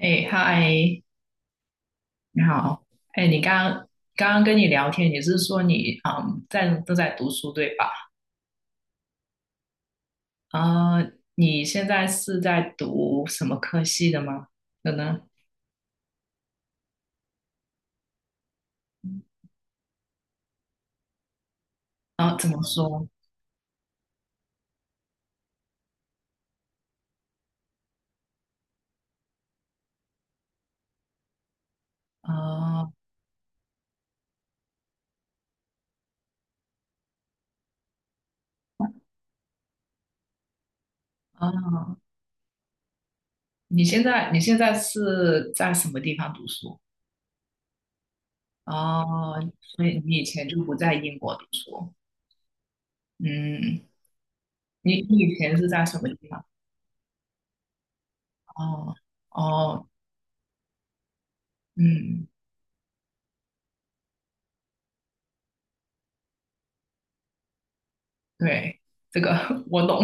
哎，嗨，你好。哎，你刚刚跟你聊天，你是说你在都在读书对吧？啊，你现在是在读什么科系的吗？可能啊，怎么说？啊，啊，你现在是在什么地方读书？哦，所以你以前就不在英国读书。嗯，你以前是在什么地方？哦哦，嗯，对，这个 我懂。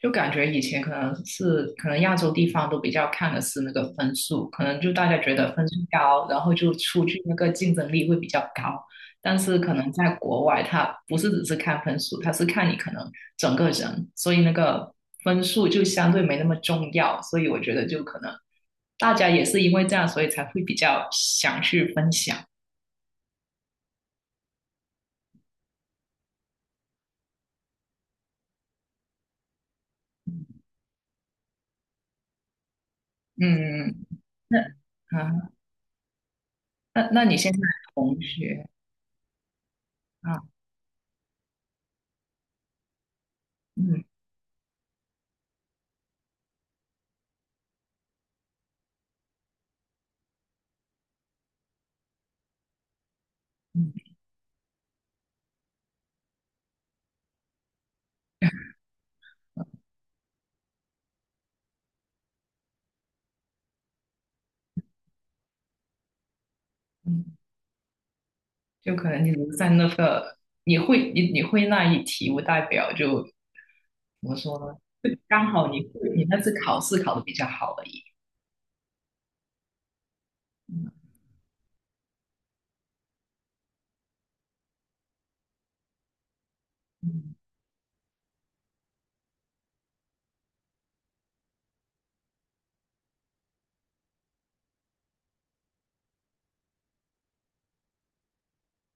就感觉以前可能亚洲地方都比较看的是那个分数，可能就大家觉得分数高，然后就出去那个竞争力会比较高。但是可能在国外，它不是只是看分数，它是看你可能整个人，所以那个分数就相对没那么重要。所以我觉得就可能大家也是因为这样，所以才会比较想去分享。嗯，那啊，那那你现在同学啊，嗯嗯嗯。就可能你留在那个，你会那一题，不代表就怎么说呢？就刚好你那次考试考的比较好而已。嗯，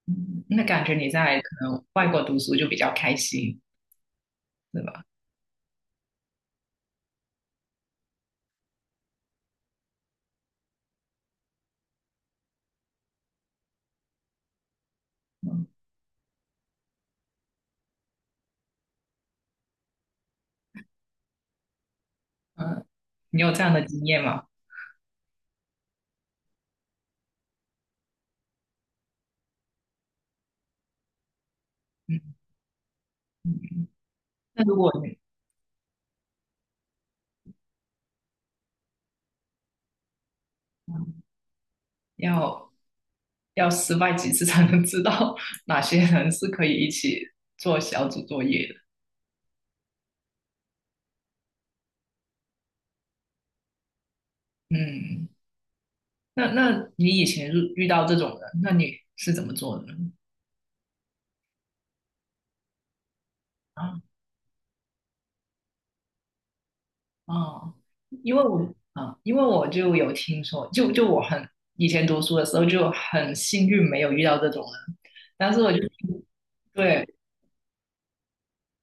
嗯那感觉你在可能外国读书就比较开心，对吧？嗯嗯，你有这样的经验吗？嗯嗯。那如果你嗯要要失败几次才能知道 哪些人是可以一起做小组作业的？嗯，那你以前遇到这种人，那你是怎么做的呢？啊？哦，因为我就有听说，就我很以前读书的时候就很幸运没有遇到这种人，但是我就对，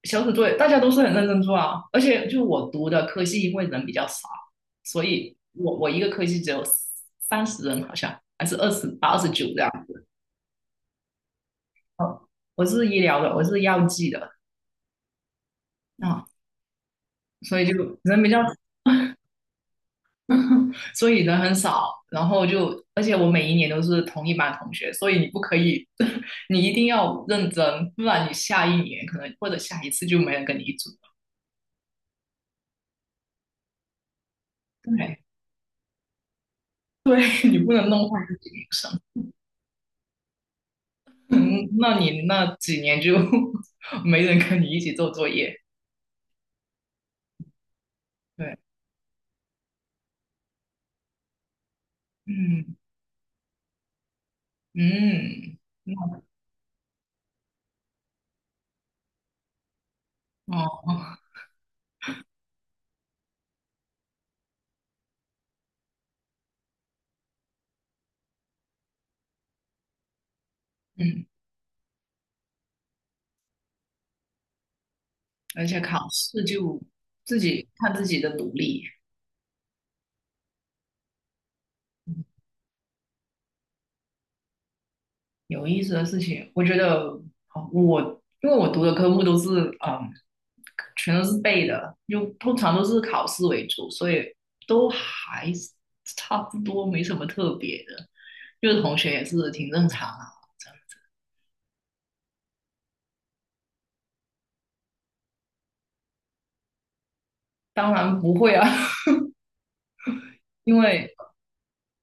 小组作业大家都是很认真做啊，而且就我读的科系因为人比较少，所以我一个科系只有30人好像还是2829这样，我是医疗的，我是药剂的啊，所以就人比较少，所以人很少，然后就而且我每一年都是同一班同学，所以你不可以，你一定要认真，不然你下一年可能或者下一次就没人跟你一组了。对对，你不能弄坏自己名声，嗯，那你那几年就 没人跟你一起做作业。对，嗯嗯，哦，嗯，而且考试就自己看自己的努力。有意思的事情，我觉得哦我因为我读的科目都是嗯，全都是背的，就通常都是考试为主，所以都还是差不多，没什么特别的。就是同学也是挺正常啊，这样当然不会啊，因为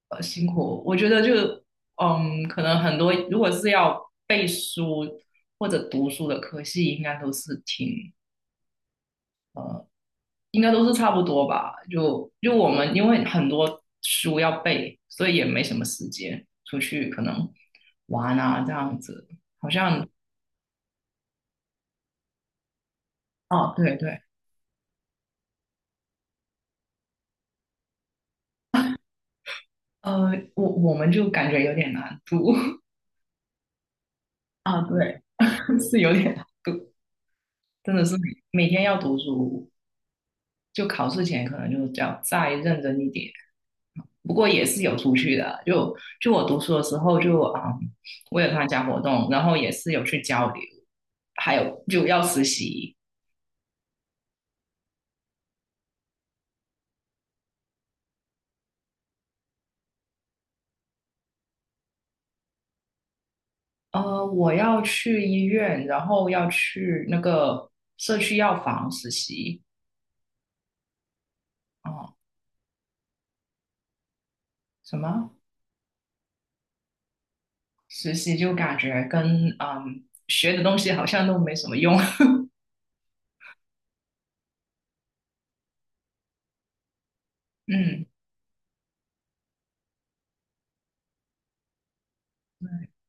辛苦。我觉得就可能很多如果是要背书或者读书的科系，应该都是差不多吧。就我们因为很多书要背，所以也没什么时间出去可能玩啊这样子。好像哦，对对，我们就感觉有点难读 啊，对，是有点难读，真的是每天要读书。就考试前可能就要再认真一点。不过也是有出去的，就就我读书的时候就啊、嗯我有参加活动，然后也是有去交流，还有就要实习。我要去医院，然后要去那个社区药房实习。哦，什么实习就感觉跟学的东西好像都没什么用。嗯，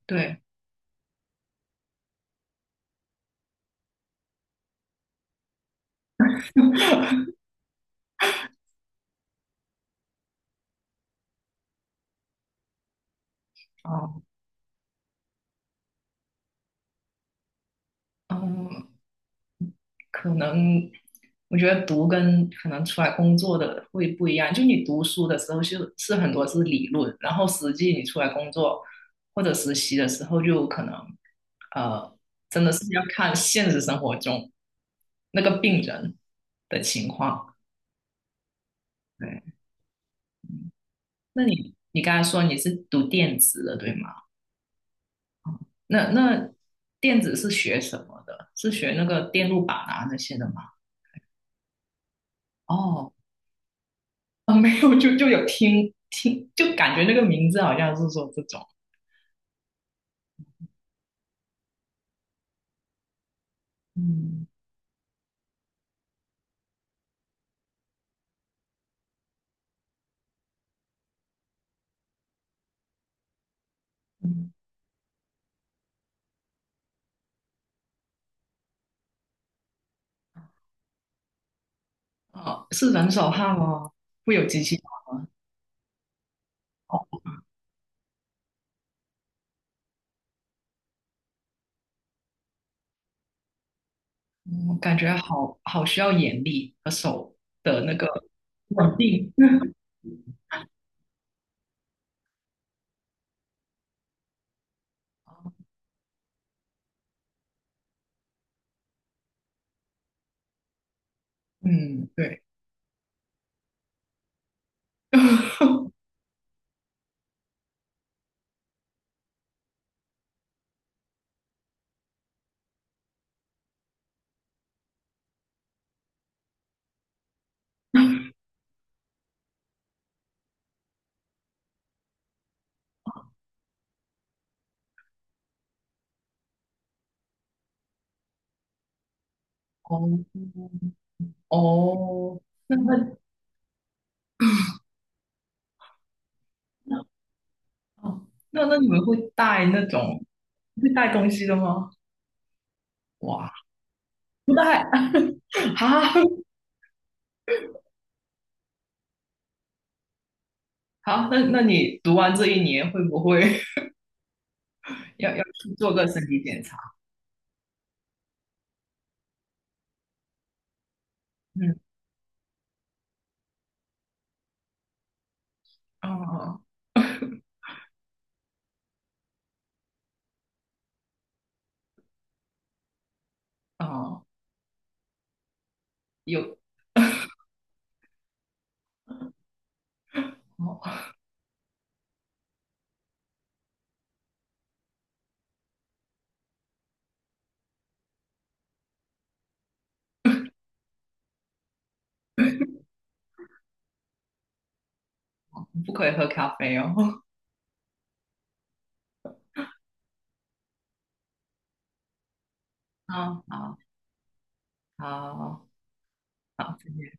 对。哦，嗯，可能我觉得读跟可能出来工作的会不一样。就你读书的时候是很多是理论，然后实际你出来工作或者实习的时候，就可能呃，真的是要看现实生活中那个病人的情况。对，那你刚才说你是读电子的，对吗？那电子是学什么的？是学那个电路板啊那些的吗？哦 啊，没有，就有听听，就感觉那个名字好像是说这种，嗯嗯，啊，是人手汗哦，会有机器哦，嗯，感觉好需要眼力和手的那个稳定，嗯，对，哦哦，那那那哦，那你们会带东西的吗？哇，不带 好，好，那你读完这一年会不会？要去做个身体检查。嗯，哦哦，有哦，不可以喝咖啡哦。哦，好好好，再见。